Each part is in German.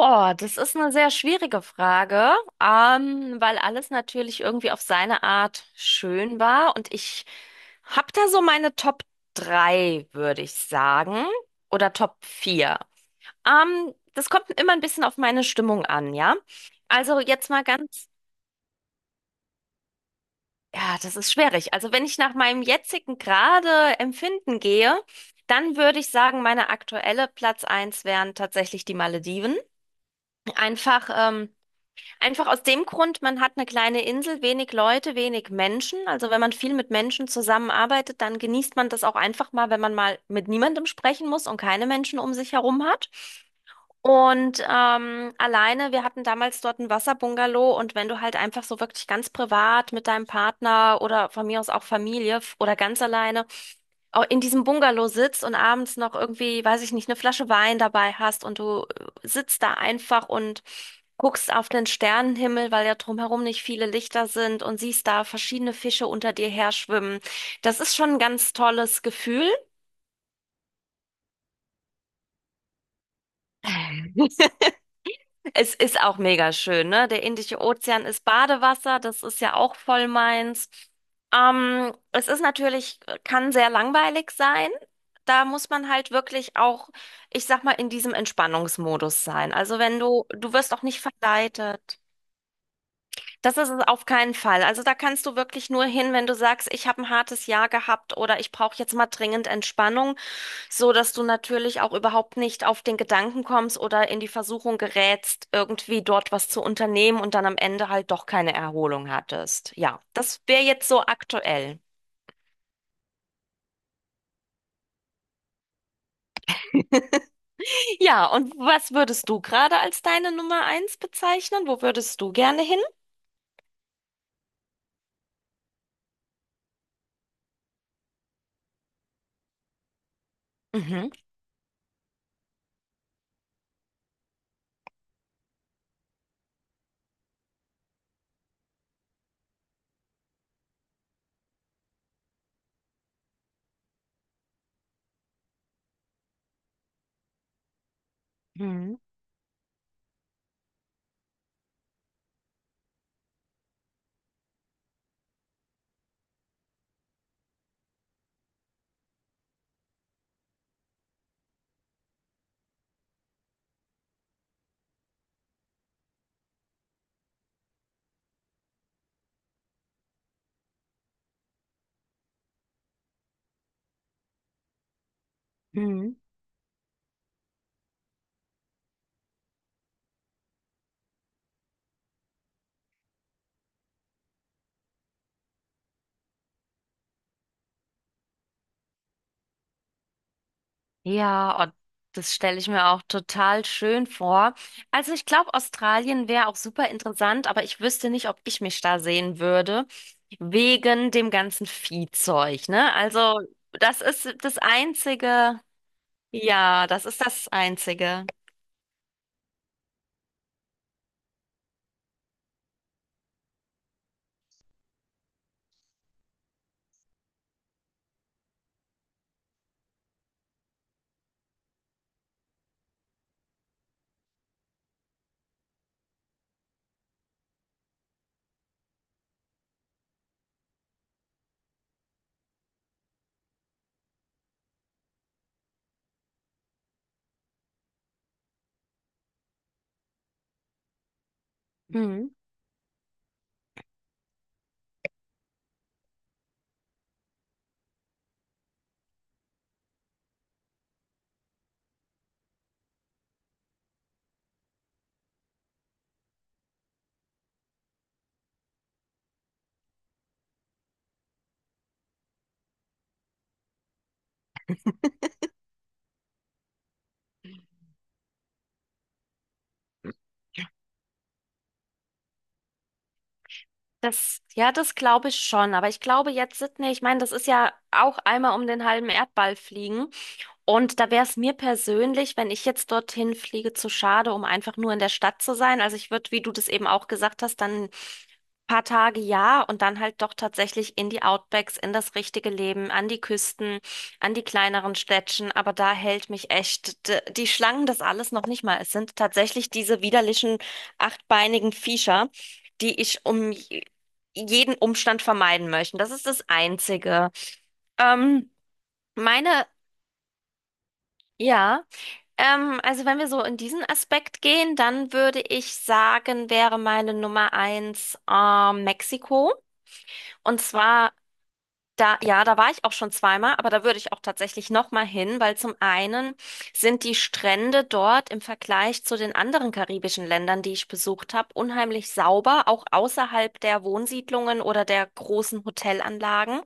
Oh, das ist eine sehr schwierige Frage, weil alles natürlich irgendwie auf seine Art schön war und ich hab da so meine Top 3, würde ich sagen, oder Top 4. Das kommt immer ein bisschen auf meine Stimmung an, ja? Also jetzt mal ganz, ja, das ist schwierig. Also wenn ich nach meinem jetzigen gerade Empfinden gehe, dann würde ich sagen, meine aktuelle Platz eins wären tatsächlich die Malediven. Einfach, ähm, Einfach aus dem Grund, man hat eine kleine Insel, wenig Leute, wenig Menschen. Also wenn man viel mit Menschen zusammenarbeitet, dann genießt man das auch einfach mal, wenn man mal mit niemandem sprechen muss und keine Menschen um sich herum hat. Und alleine, wir hatten damals dort ein Wasserbungalow und wenn du halt einfach so wirklich ganz privat mit deinem Partner oder von mir aus auch oder ganz alleine in diesem Bungalow sitzt und abends noch irgendwie, weiß ich nicht, eine Flasche Wein dabei hast und du sitzt da einfach und guckst auf den Sternenhimmel, weil ja drumherum nicht viele Lichter sind und siehst da verschiedene Fische unter dir her schwimmen. Das ist schon ein ganz tolles Gefühl. Es ist auch mega schön, ne? Der Indische Ozean ist Badewasser, das ist ja auch voll meins. Es ist natürlich, kann sehr langweilig sein. Da muss man halt wirklich auch, ich sag mal, in diesem Entspannungsmodus sein. Also wenn du, du wirst auch nicht verleitet. Das ist es auf keinen Fall. Also da kannst du wirklich nur hin, wenn du sagst, ich habe ein hartes Jahr gehabt oder ich brauche jetzt mal dringend Entspannung, so dass du natürlich auch überhaupt nicht auf den Gedanken kommst oder in die Versuchung gerätst, irgendwie dort was zu unternehmen und dann am Ende halt doch keine Erholung hattest. Ja, das wäre jetzt so aktuell. Ja, und was würdest du gerade als deine Nummer eins bezeichnen? Wo würdest du gerne hin? Mhm. Mhm. Mhm. Ja, und das stelle ich mir auch total schön vor. Also ich glaube, Australien wäre auch super interessant, aber ich wüsste nicht, ob ich mich da sehen würde, wegen dem ganzen Viehzeug, ne? Also das ist das Einzige, ja, das ist das Einzige. Mhm. Das, ja, das glaube ich schon, aber ich glaube jetzt Sydney, ich meine, das ist ja auch einmal um den halben Erdball fliegen. Und da wäre es mir persönlich, wenn ich jetzt dorthin fliege, zu schade, um einfach nur in der Stadt zu sein. Also ich würde, wie du das eben auch gesagt hast, dann ein paar Tage ja und dann halt doch tatsächlich in die Outbacks, in das richtige Leben, an die Küsten, an die kleineren Städtchen. Aber da hält mich echt die Schlangen das alles noch nicht mal. Es sind tatsächlich diese widerlichen achtbeinigen Viecher, die ich um jeden Umstand vermeiden möchte. Das ist das Einzige. Ähm, meine, ja. Also wenn wir so in diesen Aspekt gehen, dann würde ich sagen, wäre meine Nummer eins Mexiko. Und zwar da, ja, da war ich auch schon zweimal, aber da würde ich auch tatsächlich noch mal hin, weil zum einen sind die Strände dort im Vergleich zu den anderen karibischen Ländern, die ich besucht habe, unheimlich sauber, auch außerhalb der Wohnsiedlungen oder der großen Hotelanlagen.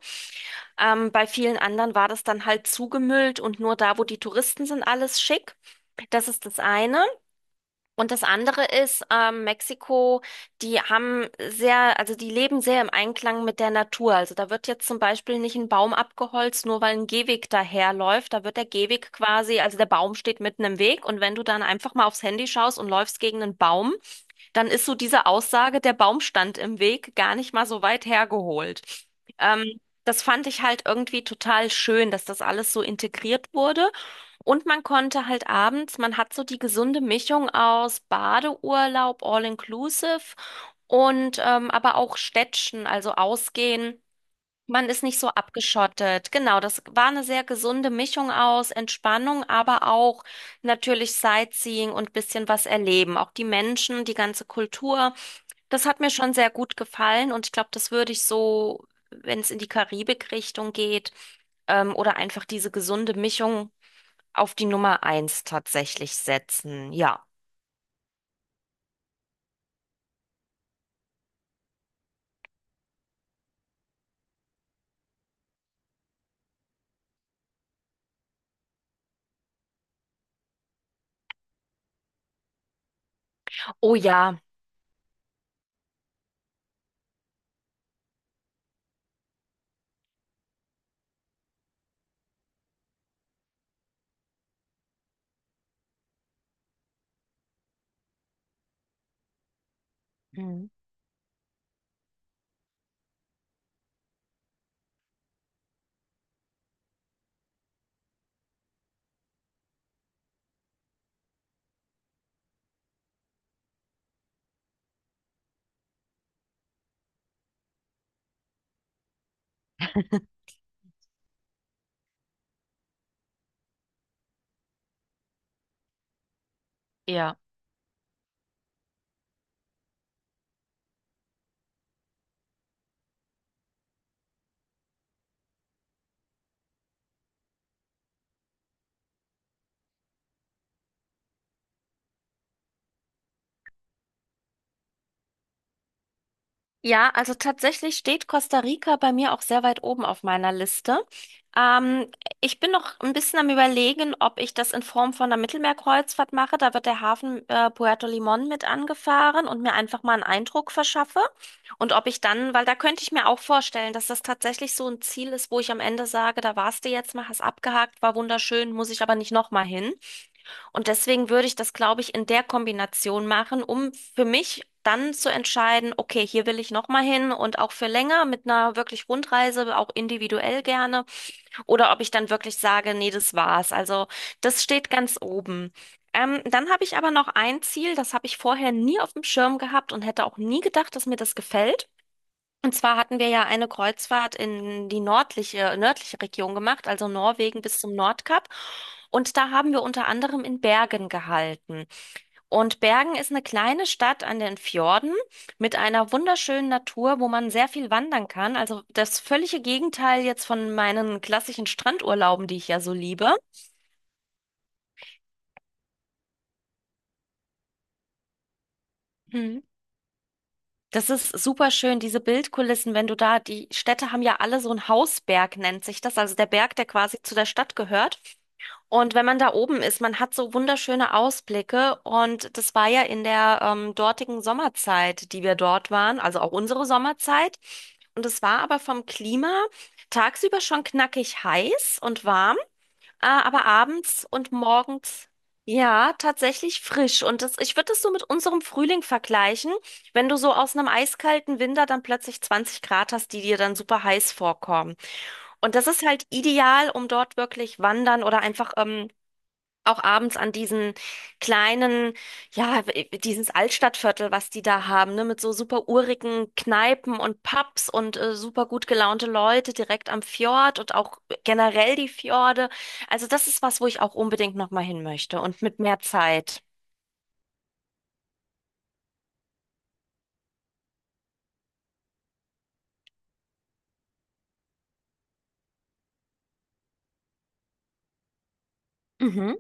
Bei vielen anderen war das dann halt zugemüllt und nur da, wo die Touristen sind, alles schick. Das ist das eine. Und das andere ist, Mexiko, die haben sehr, also die leben sehr im Einklang mit der Natur. Also da wird jetzt zum Beispiel nicht ein Baum abgeholzt, nur weil ein Gehweg daherläuft. Da wird der Gehweg quasi, also der Baum steht mitten im Weg und wenn du dann einfach mal aufs Handy schaust und läufst gegen einen Baum, dann ist so diese Aussage, der Baum stand im Weg, gar nicht mal so weit hergeholt. Das fand ich halt irgendwie total schön, dass das alles so integriert wurde. Und man konnte halt abends, man hat so die gesunde Mischung aus Badeurlaub, All-Inclusive und aber auch Städtchen, also ausgehen. Man ist nicht so abgeschottet. Genau, das war eine sehr gesunde Mischung aus Entspannung, aber auch natürlich Sightseeing und bisschen was erleben. Auch die Menschen, die ganze Kultur. Das hat mir schon sehr gut gefallen und ich glaube, das würde ich so, wenn es in die Karibik-Richtung geht, oder einfach diese gesunde Mischung auf die Nummer eins tatsächlich setzen. Ja. Oh ja. Mhm. Ja. Ja, also tatsächlich steht Costa Rica bei mir auch sehr weit oben auf meiner Liste. Ähm, Ich bin noch ein bisschen am Überlegen, ob ich das in Form von einer Mittelmeerkreuzfahrt mache. Da wird der Hafen Puerto Limón mit angefahren und mir einfach mal einen Eindruck verschaffe. Und ob ich dann, weil da könnte ich mir auch vorstellen, dass das tatsächlich so ein Ziel ist, wo ich am Ende sage, da warst du jetzt mal, hast abgehakt, war wunderschön, muss ich aber nicht nochmal hin. Und deswegen würde ich das, glaube ich, in der Kombination machen, um für mich dann zu entscheiden, okay, hier will ich nochmal hin und auch für länger mit einer wirklich Rundreise, auch individuell gerne. Oder ob ich dann wirklich sage, nee, das war's. Also das steht ganz oben. Dann habe ich aber noch ein Ziel, das habe ich vorher nie auf dem Schirm gehabt und hätte auch nie gedacht, dass mir das gefällt. Und zwar hatten wir ja eine Kreuzfahrt in die nördliche Region gemacht, also Norwegen bis zum Nordkap. Und da haben wir unter anderem in Bergen gehalten. Und Bergen ist eine kleine Stadt an den Fjorden mit einer wunderschönen Natur, wo man sehr viel wandern kann. Also das völlige Gegenteil jetzt von meinen klassischen Strandurlauben, die ich ja so liebe. Mhm. Das ist super schön, diese Bildkulissen, wenn du da, die Städte haben ja alle so einen Hausberg, nennt sich das, also der Berg, der quasi zu der Stadt gehört. Und wenn man da oben ist, man hat so wunderschöne Ausblicke. Und das war ja in der dortigen Sommerzeit, die wir dort waren, also auch unsere Sommerzeit. Und es war aber vom Klima tagsüber schon knackig heiß und warm, aber abends und morgens. Ja, tatsächlich frisch. Und das, ich würde das so mit unserem Frühling vergleichen, wenn du so aus einem eiskalten Winter dann plötzlich 20 Grad hast, die dir dann super heiß vorkommen. Und das ist halt ideal, um dort wirklich wandern oder einfach auch abends an diesen kleinen, ja, dieses Altstadtviertel, was die da haben, ne, mit so super urigen Kneipen und Pubs und super gut gelaunte Leute direkt am Fjord und auch generell die Fjorde. Also das ist was, wo ich auch unbedingt nochmal hin möchte und mit mehr Zeit. Mhm.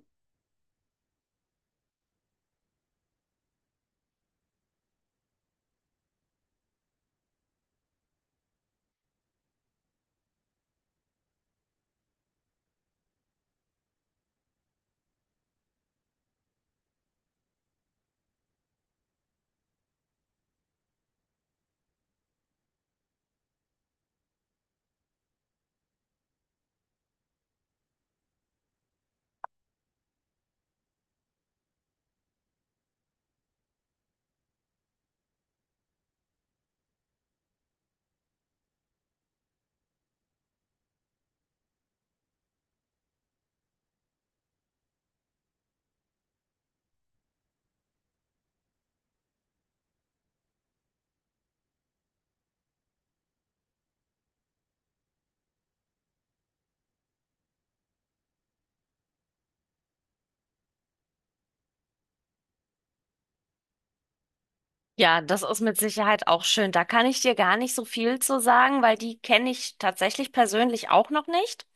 Ja, das ist mit Sicherheit auch schön. Da kann ich dir gar nicht so viel zu sagen, weil die kenne ich tatsächlich persönlich auch noch nicht.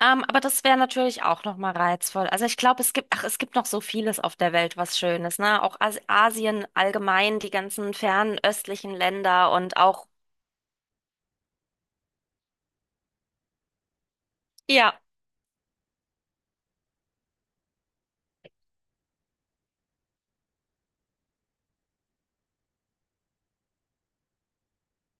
Aber das wäre natürlich auch noch mal reizvoll. Also ich glaube, es gibt, ach, es gibt noch so vieles auf der Welt, was schön ist, ne? Auch As Asien allgemein, die ganzen fernöstlichen Länder und auch, ja,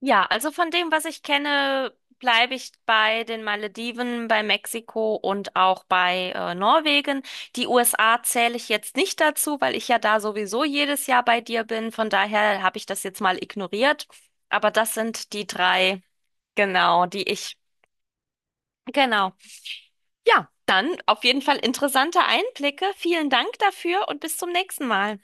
ja, also von dem, was ich kenne, bleibe ich bei den Malediven, bei Mexiko und auch bei Norwegen. Die USA zähle ich jetzt nicht dazu, weil ich ja da sowieso jedes Jahr bei dir bin. Von daher habe ich das jetzt mal ignoriert. Aber das sind die drei, genau, die ich, genau. Ja, dann auf jeden Fall interessante Einblicke. Vielen Dank dafür und bis zum nächsten Mal.